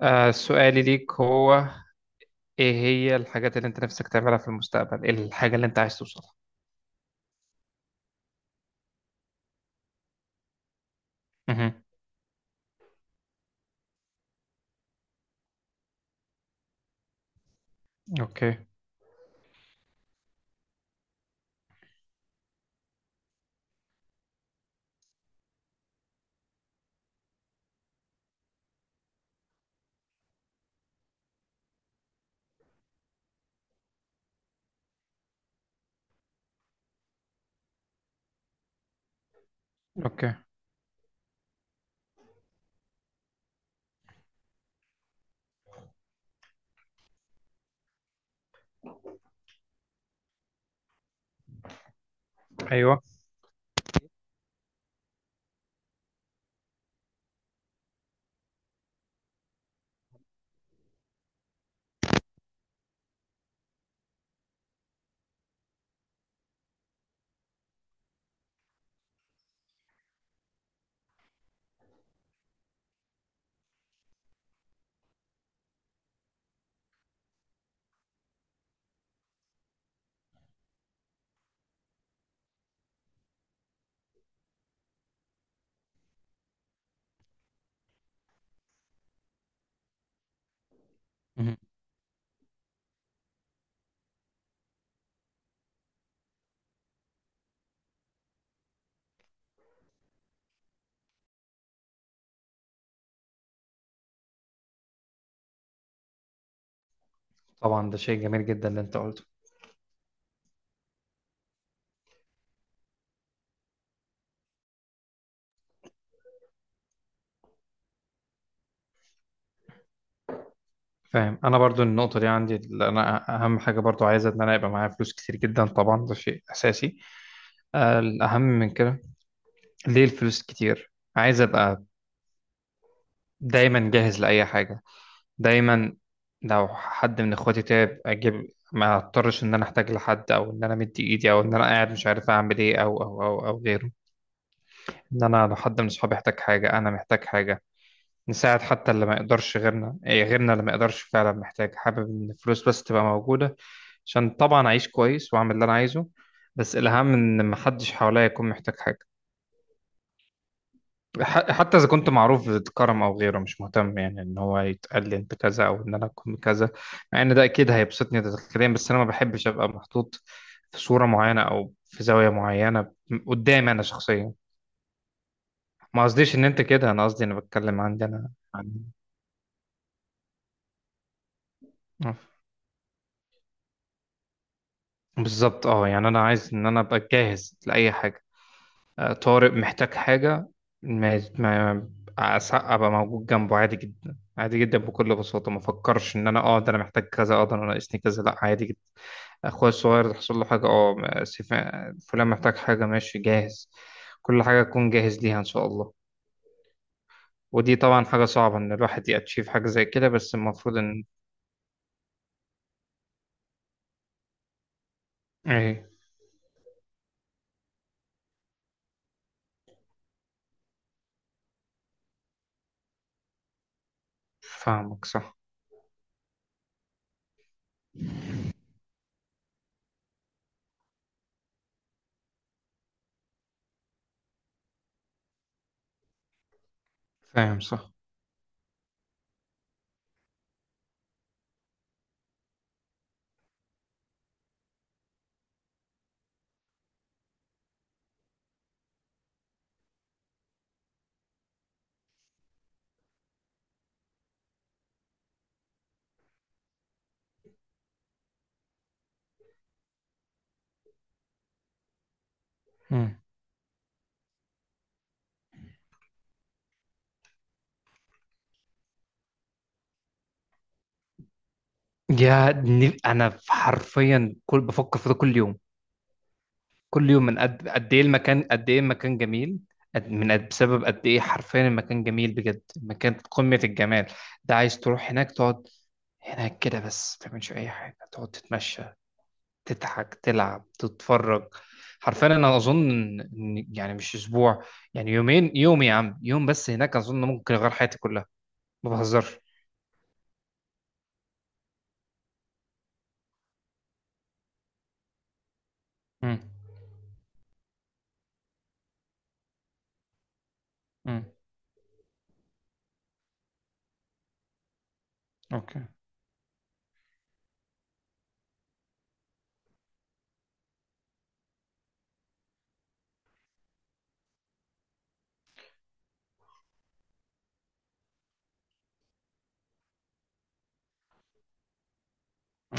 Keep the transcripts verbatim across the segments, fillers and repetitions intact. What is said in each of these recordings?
آه سؤالي ليك هو ايه هي الحاجات اللي انت نفسك تعملها في المستقبل؟ ايه الحاجة اللي انت عايز توصلها؟ مهم. اوكي. اوكي. ايوه. مهم. طبعا ده شيء جميل جدا اللي انت قلته. فاهم، انا برضو النقطة دي عندي، اللي انا اهم حاجة برضو عايزة ان انا يبقى معايا فلوس كتير جدا، طبعا ده شيء اساسي. آه الاهم من كده، ليه الفلوس كتير؟ عايز ابقى دايما جاهز لأي حاجة، دايما. لو حد من اخواتي تعب اجيب، ما اضطرش ان انا احتاج لحد او ان انا مدي ايدي او ان انا قاعد مش عارف اعمل ايه او او او او غيره. ان انا لو حد من اصحابي احتاج حاجه، انا محتاج حاجه نساعد، حتى اللي ما يقدرش غيرنا، إيه غيرنا اللي ما يقدرش فعلا محتاج. حابب ان الفلوس بس تبقى موجوده عشان طبعا اعيش كويس واعمل اللي انا عايزه. بس الاهم ان محدش حواليا يكون محتاج حاجه. ح- حتى اذا كنت معروف بكرم او غيره، مش مهتم يعني ان هو يتقال لي انت كذا او ان انا اكون كذا، مع ان ده اكيد هيبسطني داخليا، بس انا ما بحبش ابقى محطوط في صوره معينه او في زاويه معينه قدامي انا شخصيا. ما قصديش ان انت كده، انا قصدي انا بتكلم عندي انا عن. آه. بالظبط. اه يعني انا عايز ان انا ابقى جاهز لاي حاجه. طارق محتاج حاجة، ما ما أس- أبقى موجود جنبه عادي جدا، عادي جدا بكل بساطة. ما فكرش إن أنا أه ده أنا محتاج كذا، أه ده أنا ناقصني كذا، لأ، عادي جدا. أخويا الصغير تحصل له حاجة، أه ما- سيف- فلان محتاج حاجة، ماشي جاهز. كل حاجة أكون جاهز ليها إن شاء الله. ودي طبعا حاجة صعبة إن الواحد يأتشيف حاجة زي كده، بس المفروض إن إيه. فاهمك صح. فاهم صح. مم. يا ن- أنا حرفيا كل بفكر في ده كل يوم، كل يوم. من قد قد ايه المكان، قد ايه المكان جميل، قد من قد بسبب قد ايه حرفيا المكان جميل بجد، المكان قمة الجمال. ده عايز تروح هناك تقعد هناك كده بس، ما تعملش اي حاجة، تقعد تتمشى، تضحك، تلعب، تتفرج. حرفيا انا اظن إن- يعني مش اسبوع، يعني يومين، يوم يا عم، يوم بس هناك اظن ممكن يغير حياتي كلها، ما بهزرش. امم. امم. اوكي.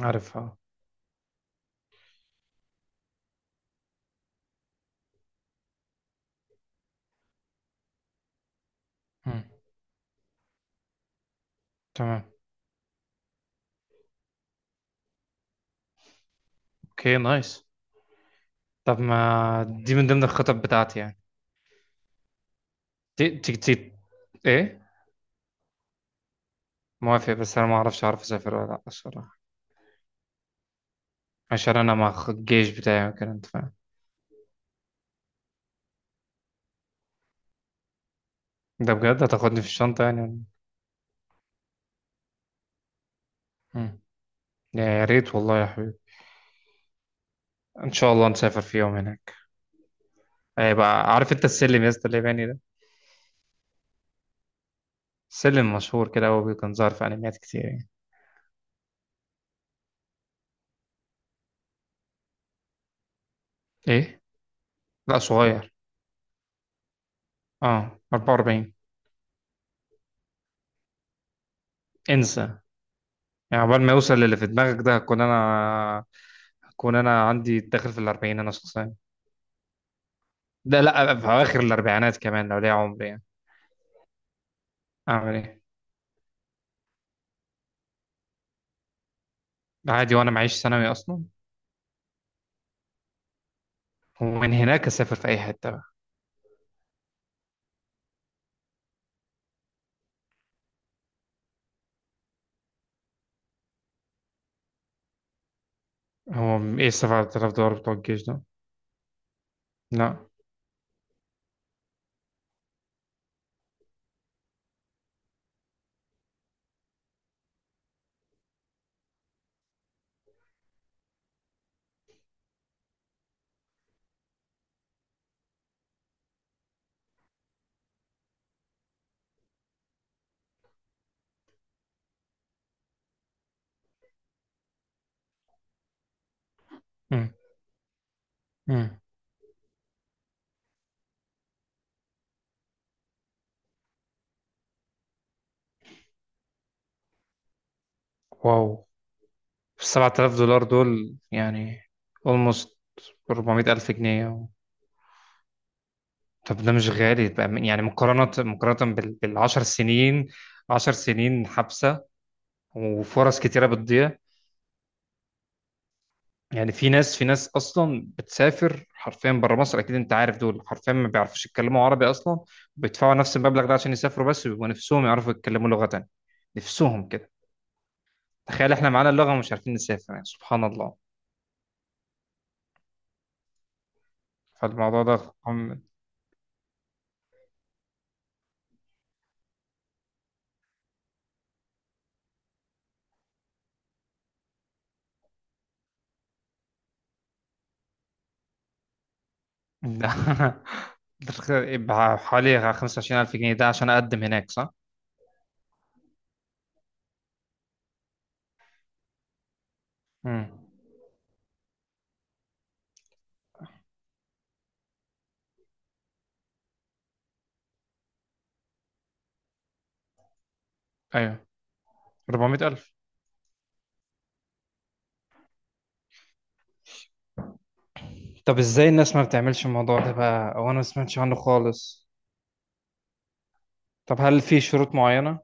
عارفها. امم. تمام. اوكي، نايس. طب ما دي من ضمن الخطط بتاعتي يعني. تي تي تي ايه؟ موافق، بس انا ما اعرفش اعرف اسافر ولا لا الصراحه. عشان انا مع الجيش بتاعي وكده، انت فاهم. ده بجد هتاخدني في الشنطه يعني؟ مم. يا يا ريت والله يا حبيبي، ان شاء الله نسافر في يوم هناك. هيبقى. عارف انت السلم يا اسطى الياباني ده؟ سلم مشهور كده، هو كان ظاهر في انميات كتير يعني. ايه؟ لا صغير. اه، اربعة واربعين. انسى. يعني عقبال ما يوصل للي في دماغك ده هكون انا، هكون انا عندي داخل في الاربعين انا شخصيا، ده لا في اواخر الاربعينات كمان لو ليا عمر يعني. اعمل ايه؟ عادي، وانا معيش ثانوي اصلا. ومن هناك اسافر في اي حته بقى. هو م- ايه سبعة الاف دولار بتوع الجيش ده؟ لا. امم. امم. واو. سبعة الاف دولار دول يعني almost اربعمية الف جنيه. طب ده مش غالي بقى من- يعني مقارنه مقارنه بال عشر سنين؟ عشر سنين حبسه وفرص كتيره بتضيع يعني. في ناس، في ناس اصلا بتسافر حرفيا بره مصر، اكيد انت عارف دول حرفيا ما بيعرفوش يتكلموا عربي اصلا، بيدفعوا نفس المبلغ ده عشان يسافروا بس، ويبقوا نفسهم يعرفوا يتكلموا لغة تانية، نفسهم كده. تخيل احنا معانا اللغة ومش عارفين نسافر، يعني سبحان الله. فالموضوع ده عم- ده يبقى حوالي خمسة وعشرين الف جنيه ده عشان اقدم هناك صح؟ امم. ايوه. اربعمية الف. طب ازاي الناس ما بتعملش الموضوع ده بقى، او انا ما سمعتش عنه خالص؟ طب هل في شروط معينة؟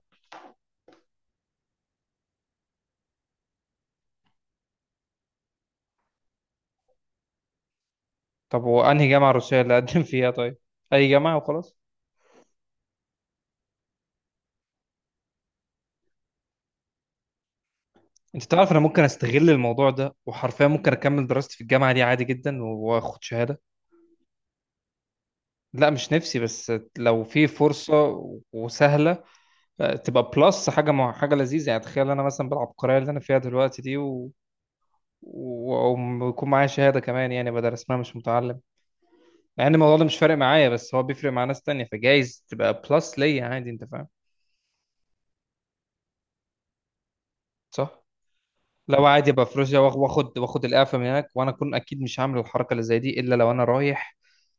طب وانهي جامعه روسيه اللي اقدم فيها طيب؟ اي جامعه وخلاص؟ انت تعرف انا ممكن استغل الموضوع ده، وحرفيا ممكن اكمل دراستي في الجامعه دي عادي جدا واخد شهاده. لا مش نفسي، بس لو في فرصه وسهله، آه، تبقى بلس حاجه مع حاجه لذيذه يعني. تخيل انا مثلا بالعبقريه اللي انا فيها دلوقتي دي و... و- ويكون معايا شهاده كمان، يعني بدل اسمها مش متعلم. مع ان الموضوع ده مش فارق معايا، بس هو بيفرق مع ناس تانية، فجايز تبقى بلس ليا عادي، انت فاهم. صح. لو عادي ابقى في روسيا واخ- واخد واخد القافه من هناك، وانا اكون اكيد مش هعمل الحركه اللي زي دي الا لو انا رايح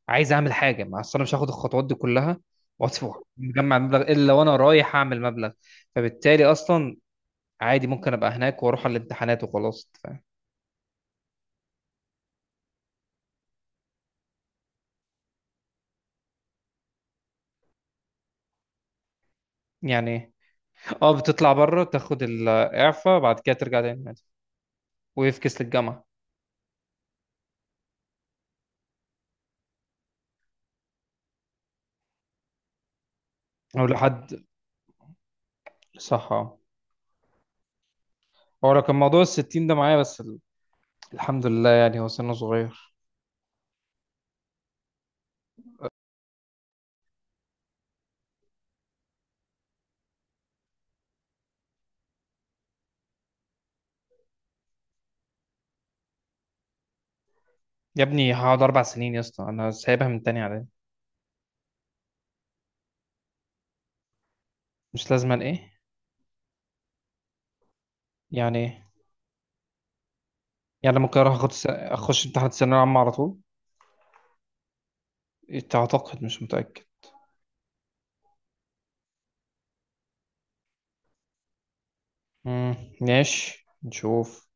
عايز اعمل حاجه مع أصل، انا مش هاخد الخطوات دي كلها واصفى مجمع مبلغ، الا لو انا رايح اعمل مبلغ. فبالتالي اصلا عادي ممكن ابقى هناك واروح على الامتحانات وخلاص ف... يعني إيه؟ اه، بتطلع بره، تاخد الاعفاء، بعد كده ترجع تاني عادي، ويفكس للجامعه او لحد. صح، اه. هو لو كان موضوع الستين ده معايا بس ال- الحمد لله يعني هو سنه صغير. يا ابني هقعد اربع سنين يا اسطى، انا سايبها من تاني على. مش لازما ايه؟ يعني ايه؟ يعني ممكن اروح اخد س... اخش امتحان الثانويه العامه على طول؟ إيه، اعتقد. مش متاكد. امم. ماشي، نشوف.